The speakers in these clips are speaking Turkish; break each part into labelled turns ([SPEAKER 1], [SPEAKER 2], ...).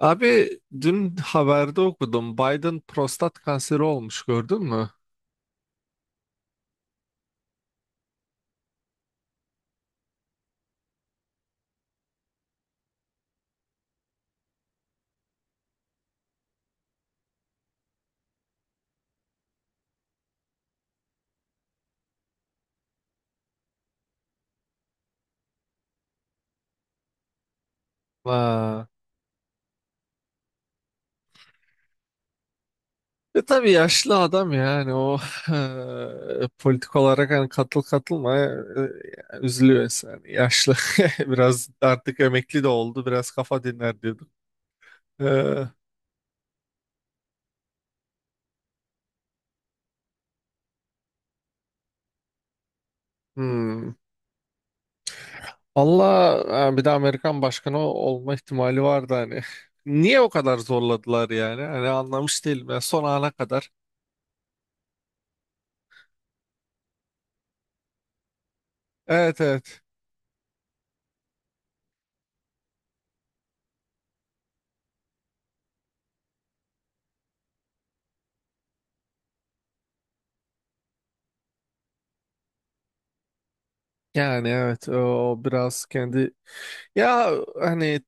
[SPEAKER 1] Abi dün haberde okudum. Biden prostat kanseri olmuş, gördün mü? Vay. E tabii yaşlı adam yani o politik olarak hani katıl katılma üzülüyor insan. Yaşlı biraz artık emekli de oldu, biraz kafa dinler diyordum. Eee, hmm. Allah bir de Amerikan başkanı olma ihtimali vardı hani. Niye o kadar zorladılar yani? Hani anlamış değilim. Yani son ana kadar. Evet, evet. Yani evet, o o biraz kendi, ya, hani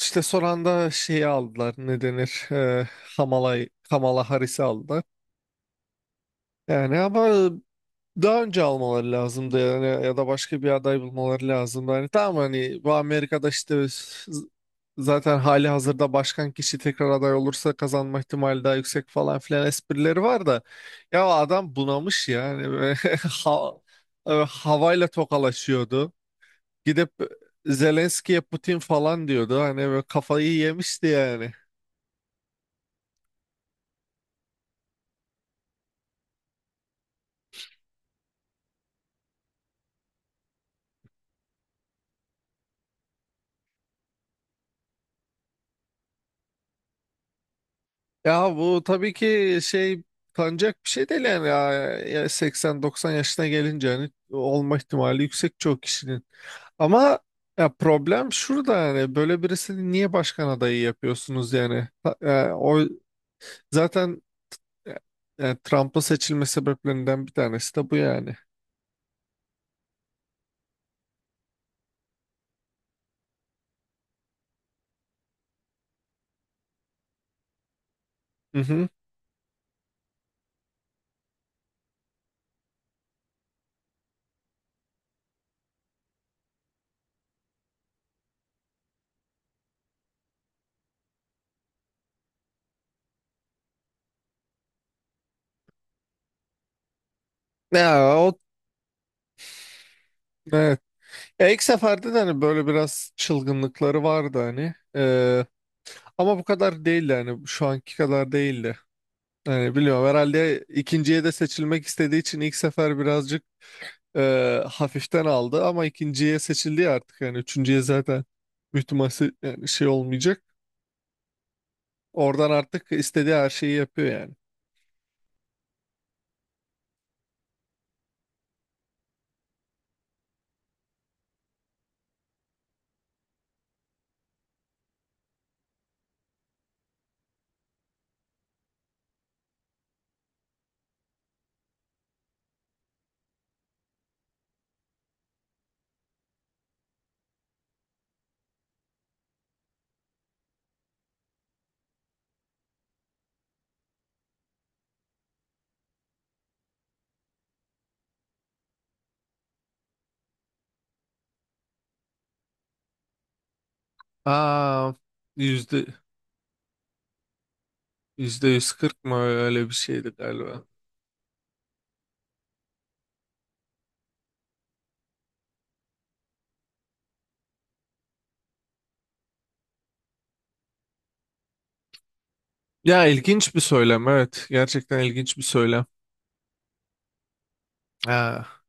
[SPEAKER 1] işte son anda şeyi aldılar, ne denir, Kamala, Kamala Harris'i aldılar. Yani ama daha önce almaları lazımdı yani, ya da başka bir aday bulmaları lazımdı. Hani tamam, hani bu Amerika'da işte zaten hali hazırda başkan kişi tekrar aday olursa kazanma ihtimali daha yüksek falan filan esprileri var da ya adam bunamış yani ve ha- havayla tokalaşıyordu. Gidip Zelenski'ye Putin falan diyordu. Hani böyle kafayı yemişti yani. Ya bu tabii ki şey, tanınacak bir şey değil yani. Ya, ya 80-90 yaşına gelince hani olma ihtimali yüksek çoğu kişinin. Ama ya problem şurada, yani böyle birisini niye başkan adayı yapıyorsunuz yani? O zaten e, Trump'ın seçilme sebeplerinden bir tanesi de bu yani. Hı hı. Ya o, evet. Ya ilk seferde de hani böyle biraz çılgınlıkları vardı hani. Ama bu kadar değildi, hani şu anki kadar değildi. Yani biliyorum, herhalde ikinciye de seçilmek istediği için ilk sefer birazcık e, hafiften aldı, ama ikinciye seçildi ya artık, yani üçüncüye zaten büyük ihtimal yani şey olmayacak. Oradan artık istediği her şeyi yapıyor yani. Aa, yüzde yüzde yüz kırk mı, öyle bir şeydi galiba. Ya ilginç bir söylem, evet gerçekten ilginç bir söylem. Ha.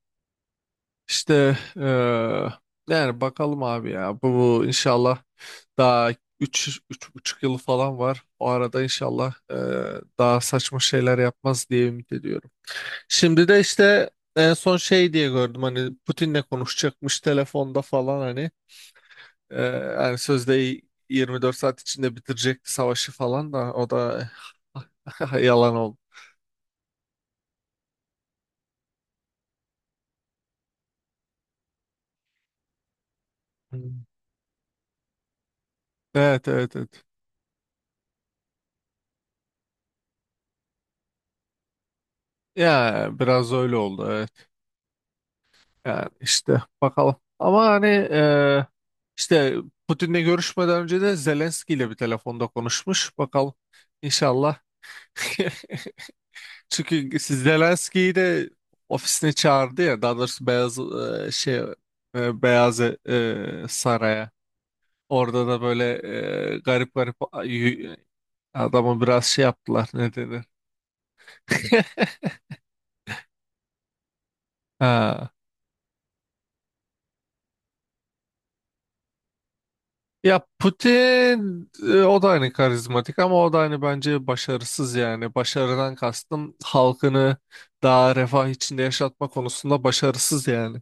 [SPEAKER 1] İşte yani bakalım abi ya. Bu inşallah daha buçuk yıl falan var. O arada inşallah daha saçma şeyler yapmaz diye ümit ediyorum. Şimdi de işte en son şey diye gördüm, hani Putin'le konuşacakmış telefonda falan hani. Eee yani sözde 24 saat içinde bitirecekti savaşı falan, da o da yalan oldu. Hmm. Evet, evet, evet. Ya biraz öyle oldu. Yani işte bakalım. Ama hani işte Putin'le görüşmeden önce de Zelenski ile bir telefonda konuşmuş. Bakalım inşallah. Çünkü siz Zelenski'yi de ofisine çağırdı ya. Daha doğrusu Beyaz şey, Beyaz Saray'a. Orada da böyle garip garip adamı biraz şey yaptılar. Ne denir? Ha. Ya Putin, o da hani karizmatik ama o da hani bence başarısız yani. Başarıdan kastım halkını daha refah içinde yaşatma konusunda başarısız yani.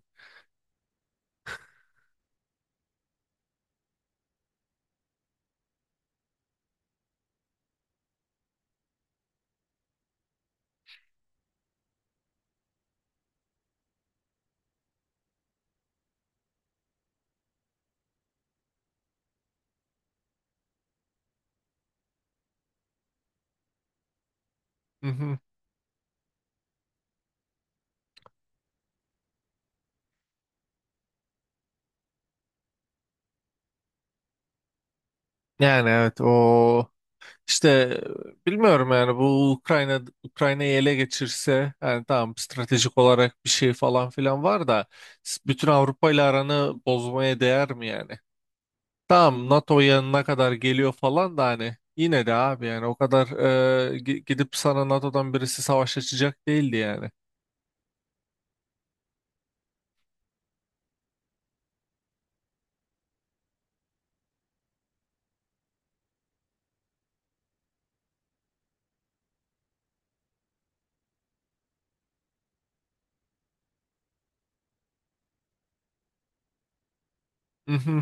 [SPEAKER 1] Hı hı. Yani evet, o işte bilmiyorum yani, bu Ukrayna'yı ele geçirse yani tamam, stratejik olarak bir şey falan filan var da bütün Avrupa ile aranı bozmaya değer mi yani? Tamam, NATO'ya ne kadar geliyor falan, da hani yine de abi yani o kadar gidip sana NATO'dan birisi savaş açacak değildi yani. Mhm.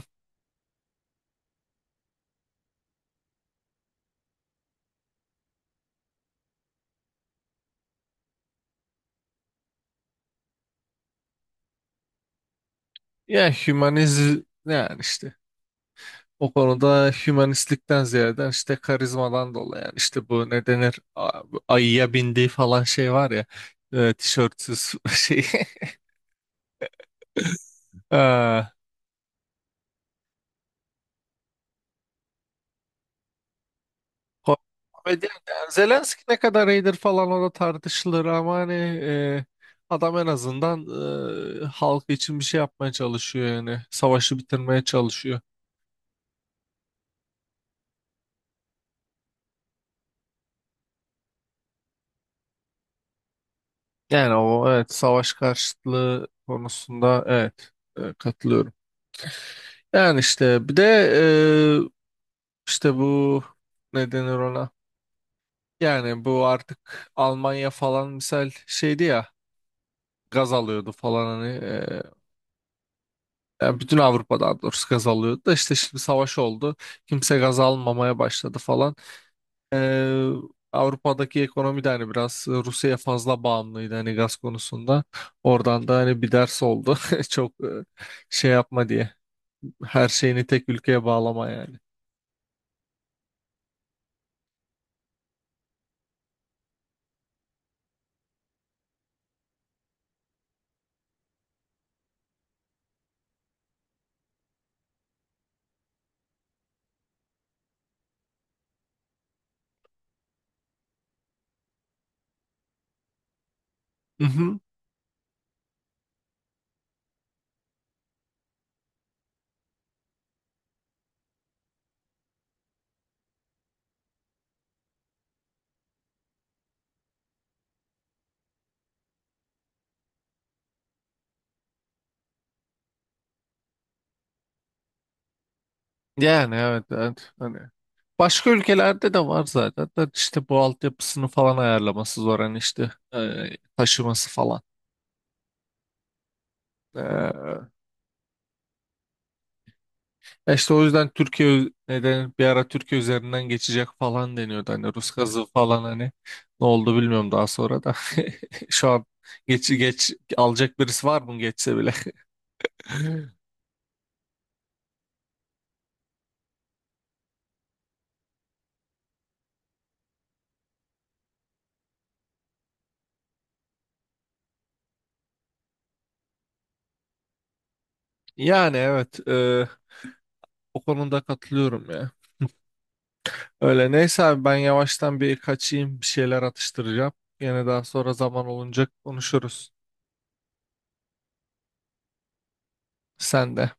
[SPEAKER 1] Ya hümanizm, yani işte o konuda hümanistlikten ziyade işte karizmadan dolayı yani, işte bu ne denir, ayıya bindiği falan şey var ya, tişörtsüz şey. Ha, Ko- yani Zelenski ne kadar iyidir falan o da tartışılır, ama hani adam en azından halk için bir şey yapmaya çalışıyor yani. Savaşı bitirmeye çalışıyor. Yani o, evet savaş karşıtlığı konusunda, evet katılıyorum. Yani işte bir de e, işte bu ne denir ona? Yani bu artık Almanya falan misal şeydi ya, gaz alıyordu falan hani yani bütün Avrupa daha doğrusu gaz alıyordu da, işte şimdi savaş oldu. Kimse gaz almamaya başladı falan. Ee, Avrupa'daki ekonomi de hani biraz Rusya'ya fazla bağımlıydı hani gaz konusunda. Oradan da hani bir ders oldu. Çok şey yapma diye. Her şeyini tek ülkeye bağlama yani. Hı. Yani evet, evet. Hani başka ülkelerde de var zaten. Da işte bu altyapısını falan ayarlaması zor, hani işte taşıması falan. Ee, Ya İşte o yüzden Türkiye neden bir ara Türkiye üzerinden geçecek falan deniyordu. Hani Rus gazı falan hani ne oldu bilmiyorum daha sonra da. Şu an geç alacak birisi var mı geçse bile. Yani evet, o konuda katılıyorum ya. Öyle neyse abi, ben yavaştan bir kaçayım, bir şeyler atıştıracağım. Yine daha sonra zaman olunca konuşuruz. Sen de.